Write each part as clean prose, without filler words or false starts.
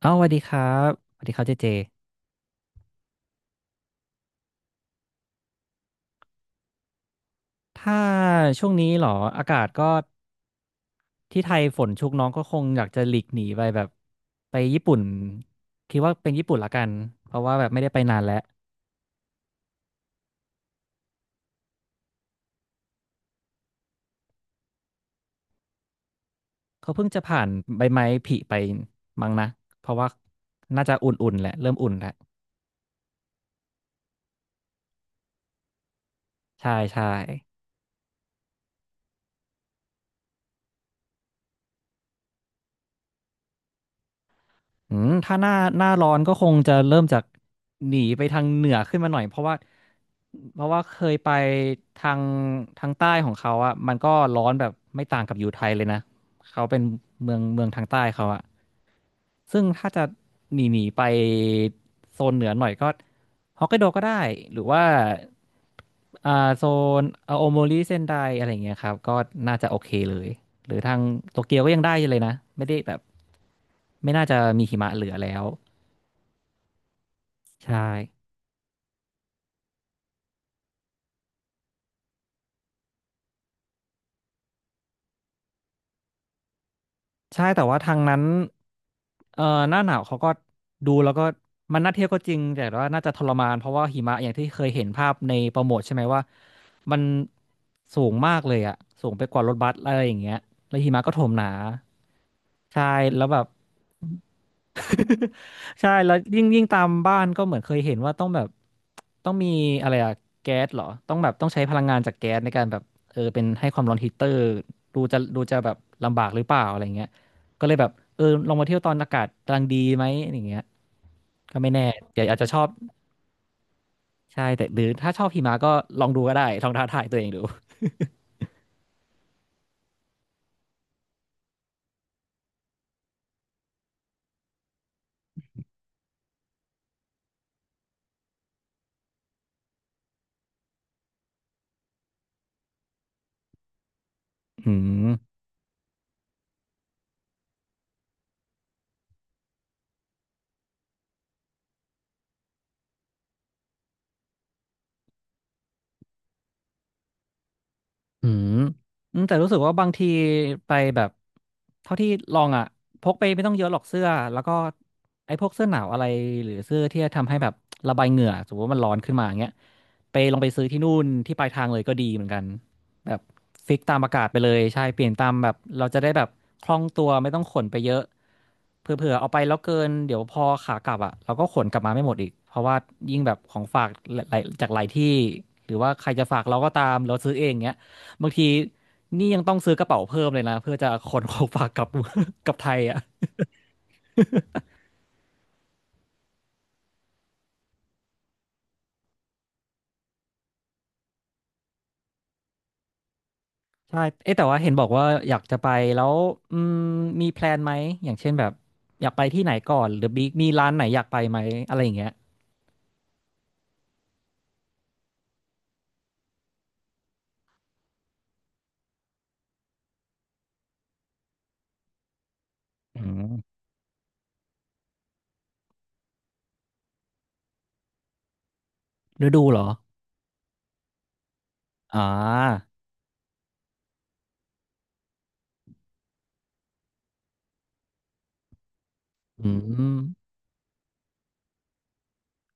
เอ้าสวัสดีครับสวัสดีครับเจเจ ถ้าช่วงนี้เหรอ อากาศก็ที่ไทยฝนชุกน้องก็คงอยากจะหลีกหนีไปแบบไปญี่ปุ่น คิดว่าเป็นญี่ปุ่นละกัน เพราะว่าแบบไม่ได้ไปนานแล้ว เขาเพิ่งจะผ่านใบไม้ผลิไปมั้งนะ เพราะว่าน่าจะอุ่นๆแหละ เริ่มอุ่นแล้วใช่ใช่ อืมถ้าหน้าหน้าร้อนก็คงจะเริ่มจากหนีไปทางเหนือขึ้นมาหน่อยเพราะว่าเคยไปทางทางใต้ของเขาอ่ะมันก็ร้อนแบบไม่ต่างกับอยู่ไทยเลยนะเขาเป็นเมืองเมืองทางใต้เขาอ่ะ ซึ่งถ้าจะหนีไปโซนเหนือหน่อยก็ฮอกไกโดก็ได้หรือว่าโซนอาโอโมริเซนไดอะไรอย่างเงี้ยครับก็น่าจะโอเคเลยหรือทางโตเกียวก็ยังได้อยู่เลยนะไม่ได้แบบไม่น่าจะมีหิมะเหลือแล้วใช่ ใช่แต่ว่าทางนั้นเอ่อหน้าหนาวเขาก็ดูแล้วก็มันน่าเที่ยวก็จริงแต่ว่าน่าจะทรมานเพราะว่าหิมะอย่างที่เคยเห็นภาพในโปรโมทใช่ไหมว่ามันสูงมากเลยอะสูงไปกว่ารถบัสอะไรอย่างเงี้ยแล้วหิมะก็โถมหนาใช่แล้วแบบ ใช่แล้วยิ่งตามบ้านก็เหมือนเคยเห็นว่าต้องแบบต้องมีอะไรอะแก๊สเหรอต้องแบบต้องใช้พลังงานจากแก๊สในการแบบเออเป็นให้ความร้อนฮีตเตอร์ดูจะแบบลำบากหรือเปล่าอะไรเงี้ยก็เลยแบบเออลองมาเที่ยวตอนอากาศกำลังดีไหมอย่างเงี้ยก็ไม่แน่เดี๋ยวอาจจะชอบใช่แต่หรือถ้าชอบหิมะก็ลองดูก็ได้ลองท้าทายตัวเองดูอืม อืมอืมแต่รู้สึกว่าบางทีไปแบบเท่าที่ลองอ่ะพกไปไม่ต้องเยอะหรอกเสื้อแล้วก็ไอ้พวกเสื้อหนาวอะไรหรือเสื้อที่ทำให้แบบระบายเหงื่อสมมติว่ามันร้อนขึ้นมาอย่างเงี้ยไปลองไปซื้อที่นู่นที่ปลายทางเลยก็ดีเหมือนกันแบบฟิกตามอากาศไปเลยใช่เปลี่ยนตามแบบเราจะได้แบบคล่องตัวไม่ต้องขนไปเยอะเผื่อๆเอาไปแล้วเกินเดี๋ยวพอขากลับอ่ะเราก็ขนกลับมาไม่หมดอีกเพราะว่ายิ่งแบบของฝากหลายๆจากหลายที่หรือว่าใครจะฝากเราก็ตามเราซื้อเองเงี้ย บางทีนี่ยังต้องซื้อกระเป๋าเพิ่มเลยนะเพื่อจะขนของฝากกลับ กลับไทยอ่ะใช่เอ๊ะแต่ว่าเห็นบอกว่าอยากจะไปแล้วอืมมีแพลนไหมอย่างเช่นแบบอยากไปที่ไหนก่อนหรือมีร้านไหนอยากไปไหมอะไรอย่างเงี้ยอืมฤดูเหรออ่าอืม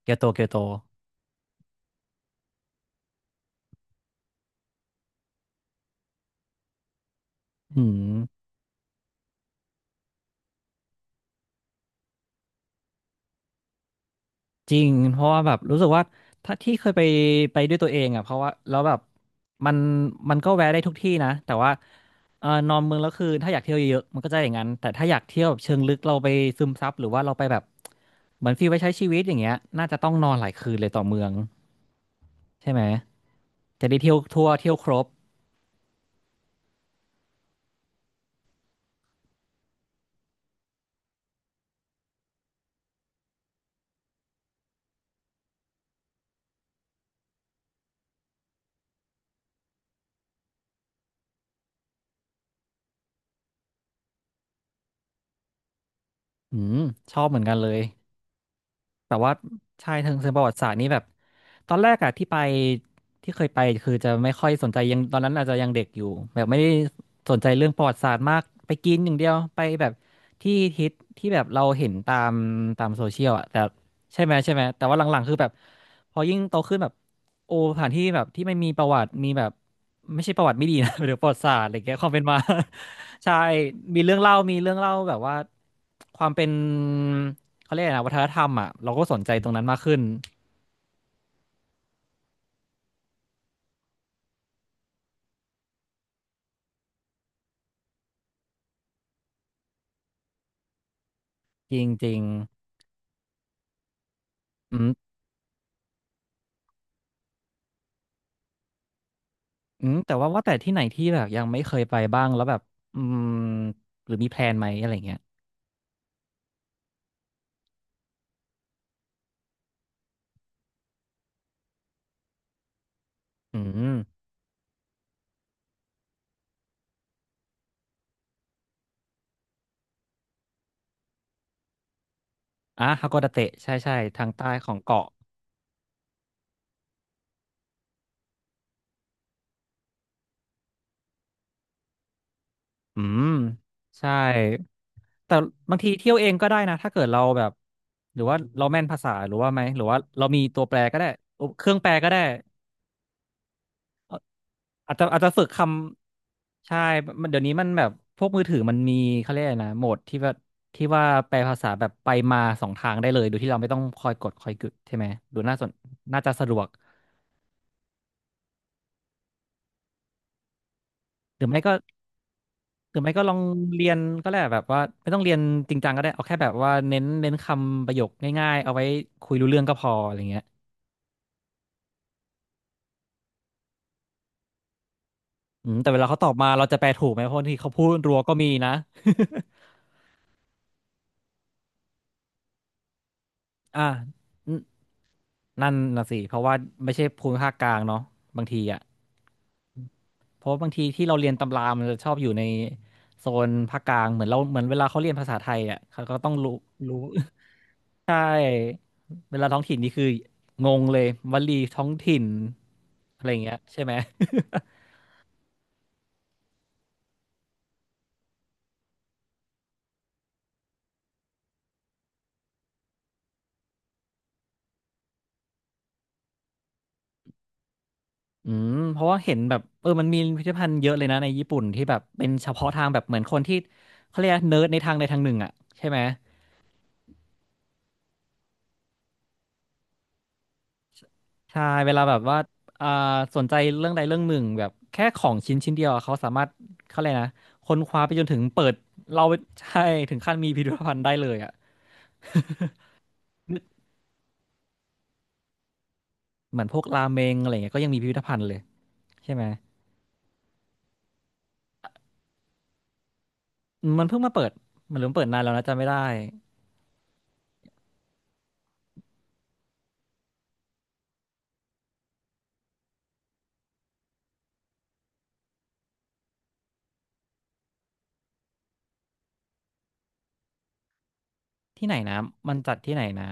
เกียวโตเกียวโตอืม จริงเพราะว่าแบบรู้สึกว่าถ้าที่เคยไปไปด้วยตัวเองอ่ะเพราะว่าแล้วแบบมันมันก็แวะได้ทุกที่นะแต่ว่าเออนอนเมืองแล้วคือถ้าอยากเที่ยวเยอะๆมันก็จะอย่างนั้นแต่ถ้าอยากเที่ยวแบบเชิงลึกเราไปซึมซับหรือว่าเราไปแบบเหมือนฟีลไปใช้ชีวิตอย่างเงี้ยน่าจะต้องนอนหลายคืนเลยต่อเมืองใช่ไหมจะได้เที่ยวทั่วเที่ยวครบอืมชอบเหมือนกันเลย แต่ว่าใช่ทางเชิงประวัติศาสตร์นี่แบบตอนแรกอะที่ไปที่เคยไปคือจะไม่ค่อยสนใจยังตอนนั้นอาจจะยังเด็กอยู่แบบไม่ได้สนใจเรื่องประวัติศาสตร์มากไปกินอย่างเดียวไปแบบที่ฮิตที่แบบเราเห็นตามโซเชียลอะแต่ใช่ไหมใช่ไหมแต่ว่าหลังๆคือแบบพอยิ่งโตขึ้นแบบโอ้สถานที่แบบที่ไม่มีประวัติมีแบบไม่ใช่ประวัติไม่ดีนะ หรือประวัติศาสตร์อะไรเงี้ยความเป็นมา ใช่มีเรื่องเล่ามีเรื่องเล่าแบบว่า ความเป็นเขาเรียกอะไรนะวัฒนธรรมอ่ะเราก็สนใจตรงนั้นมากขึ้นจริงๆอืมแต่ว่าว่าแต่ที่ไหนที่แบบยังไม่เคยไปบ้างแล้วแบบอืมหรือมีแพลนไหมอะไรเงี้ยอืมอ่ะฮากอดาเตะใช่ใช่ทางใต้ของเกาะอืมใช่แต่บางทีเที่ยวเองก็ได้นะถ้าเกิดเราแบบหรือว่าเราแม่นภาษาหรือว่าไหมหรือว่าเรามีตัวแปลก็ได้เครื่องแปลก็ได้ อาจจะฝึกคำใช่มันเดี๋ยวนี้มันแบบพวกมือถือมันมีเขาเรียกอะไรนะโหมดที่ว่าที่ว่าแปลภาษาแบบไปมาสองทางได้เลยโดยที่เราไม่ต้องคอยกดคอยกึดใช่ไหมดูน่าสนน่าจะสะดวกหรือไม่ก็หรือไม่ก็ลองเรียนก็ได้แบบว่าไม่ต้องเรียนจริงจังก็ได้เอาแค่แบบว่าเน้นคำประโยคง่ายๆเอาไว้คุยรู้เรื่องก็พออะไรเงี้ยอืมแต่เวลาเขาตอบมาเราจะแปลถูกไหมเพราะบางที่เขาพูดรัวก็มีนะ อ่านั่นน่ะสิเพราะว่าไม่ใช่ภูมิภาคกลางเนาะบางทีอ่ะ เพราะบางทีที่เราเรียนตำรามันจะชอบอยู่ในโซนภาคกลางเหมือนเราเหมือนเวลาเขาเรียนภาษาไทยอ่ะเขาก็ต้องรู้รู้ ใช่เวลาท้องถิ่นนี่คืองงเลยวลีท้องถิ่นอะไรอย่างเงี้ยใช่ไหม อืมเพราะว่าเห็นแบบเออมันมีพิพิธภัณฑ์เยอะเลยนะในญี่ปุ่นที่แบบเป็นเฉพาะทางแบบเหมือนคนที่เขาเรียกเนิร์ดในทางใดทางหนึ่งอ่ะใช่ไหม ใช่เวลาแบบว่าอ่าสนใจเรื่องใดเรื่องหนึ่งแบบแค่ของชิ้นชิ้นเดียวอะเขาสามารถเขาเลยกนะค้นคว้าไปจนถึงเปิดเราใช่ถึงขั้นมีพิพิธภัณฑ์ได้เลยอ่ะเหมือนพวกราเมงอะไรเงี้ยก็ยังมีพิพิธภัณฑ์เลยใช่ไหมอืมมันเพิ่งมาเปิดมันเริ่มเปิดนานแล้วนะจำไม่ได้ที่ไหนนะมันจัดที่ไหนนะ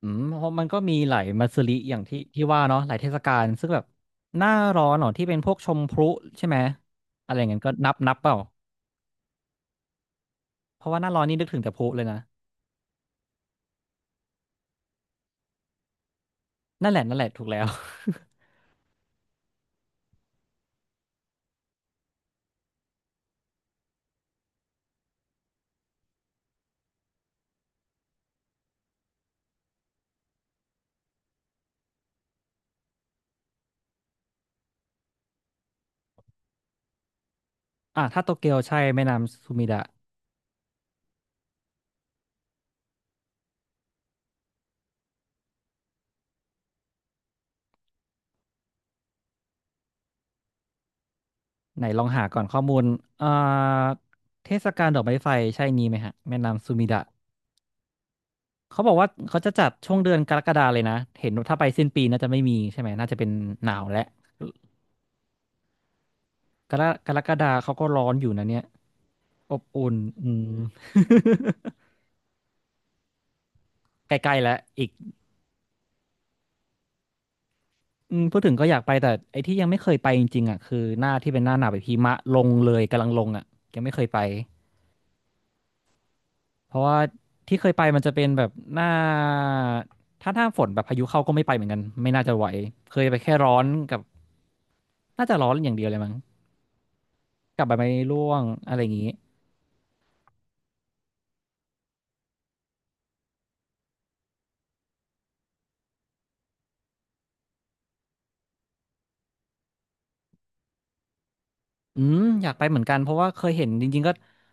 อืมเพราะมันก็มีหลายมัสริอย่างที่ที่ว่าเนาะหลายเทศกาลซึ่งแบบหน้าร้อนเหรอที่เป็นพวกชมพลุใช่ไหมอะไรอย่างเงี้ยก็นับนับเปล่าเพราะว่าหน้าร้อนนี่นึกถึงแต่พลุเลยนะ นั่นแหละนั่นแหละถูกแล้ว อ่ะถ้าโตเกียวใช่แม่น้ำซูมิดะไหนลองหาก่อนข้อมูลอ่าเทศกาลดอกไม้ไฟใช่นี้ไหมฮะแม่น้ำซูมิดะเขาบอกว่าเขาจะจัดช่วงเดือนกรกฎาเลยนะเห็นว่าถ้าไปสิ้นปีน่าจะไม่มีใช่ไหมน่าจะเป็นหนาวและกรกฎาเขาก็ร้อนอยู่นะเนี่ยอบอุ่นอืม ใกล้ๆแล้วอีกอืมพูดถึงก็อยากไปแต่ไอ้ที่ยังไม่เคยไปจริงๆอ่ะคือหน้าที่เป็นหน้าหนาวแบบหิมะลงเลยกำลังลงอ่ะยังไม่เคยไป เพราะว่าที่เคยไปมันจะเป็นแบบหน้าถ้าหน้าฝนแบบพายุเข้าก็ไม่ไปเหมือนกันไม่น่าจะไหวเคยไปแค่ร้อนกับน่าจะร้อนอย่างเดียวเลยมั้งกับใบไม้ร่วงอะไรอย่างงี้อืมอยากไปเหมือนกันเพราะว่าเคยเห็นจริงๆก็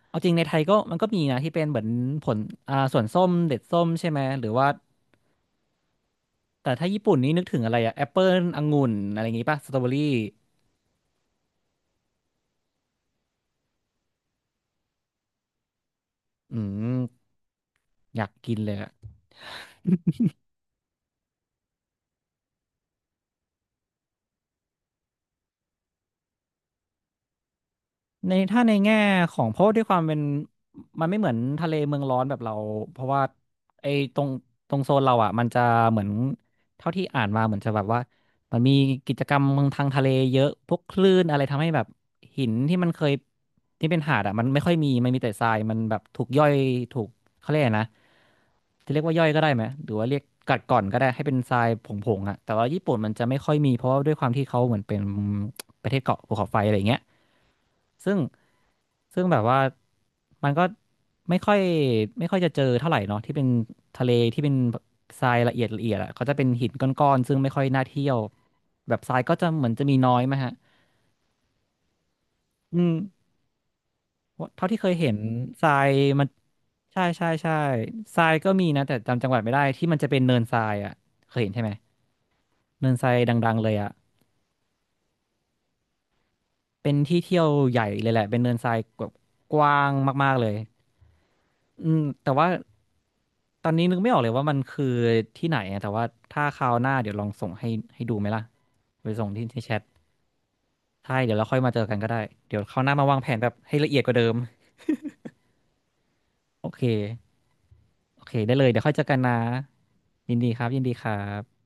เอาจริงในไทยก็มันก็มีนะที่เป็นเหมือนผลสวนส้มเด็ดส้มใช่ไหมหรือว่าแต่ถ้าญี่ปุ่นนี่นึกถึงอะไรอะแอปเปิลองุ่นอะไรอย่างงี้ป่ะสตรอเบอรี่อืมอยากกินเลยอะ ในถ้าในแง่ของเพราะด้วยความเป็นมันไม่เหมือนทะเลเมืองร้อนแบบเราเพราะว่าไอ้ตรงตรงโซนเราอ่ะมันจะเหมือนเท่าที่อ่านมาเหมือนจะแบบว่ามันมีกิจกรรมทางทะเลเยอะพวกคลื่นอะไรทำให้แบบหินที่มันเคยที่เป็นหาดอ่ะมันไม่ค่อยมีมันมีแต่ทรายมันแบบถูกย่อยถูกเขาเรียกอะไรนะจะเรียกว่าย่อยก็ได้ไหมหรือว่าเรียกกัดก่อนก็ได้ให้เป็นทรายผงๆอ่ะแต่ว่าญี่ปุ่นมันจะไม่ค่อยมีเพราะว่าด้วยความที่เขาเหมือนเป็นประเทศเกาะภูเขาไฟอะไรอย่างเงี้ย ซึ่งซึ่งแบบว่ามันก็ไม่ค่อยไม่ค่อยจะเจอเท่าไหร่เนาะที่เป็นทะเลที่เป็นทรายละเอียดละเอียดอ่ะเขาจะเป็นหินก้อนๆซึ่งไม่ค่อยน่าเที่ยวแบบทรายก็จะเหมือนจะมีน้อยไหมฮะอืมเท่าที่เคยเห็นทรายมันใช่ใช่ใช่ทรายก็มีนะแต่จำจังหวัดไม่ได้ที่มันจะเป็นเนินทรายอ่ะเคยเห็นใช่ไหมเนินทรายดังๆเลยอ่ะเป็นที่เที่ยวใหญ่เลยแหละเป็นเนินทรายแบบกว้างมากๆเลย อืมแต่ว่าตอนนี้นึกไม่ออกเลยว่ามันคือที่ไหนอะแต่ว่าถ้าคราวหน้าเดี๋ยวลองส่งให้ให้ดูไหมล่ะไปส่งที่ที่แชทใช่เดี๋ยวเราค่อยมาเจอกันก็ได้เดี๋ยวคราวหน้ามาวางแผนแบบให้ละเอียดกว่าเดิมโอเคโอเคได้เลยเดี๋ยวค่อยเจอกันนะยินดีครับยินดีครับ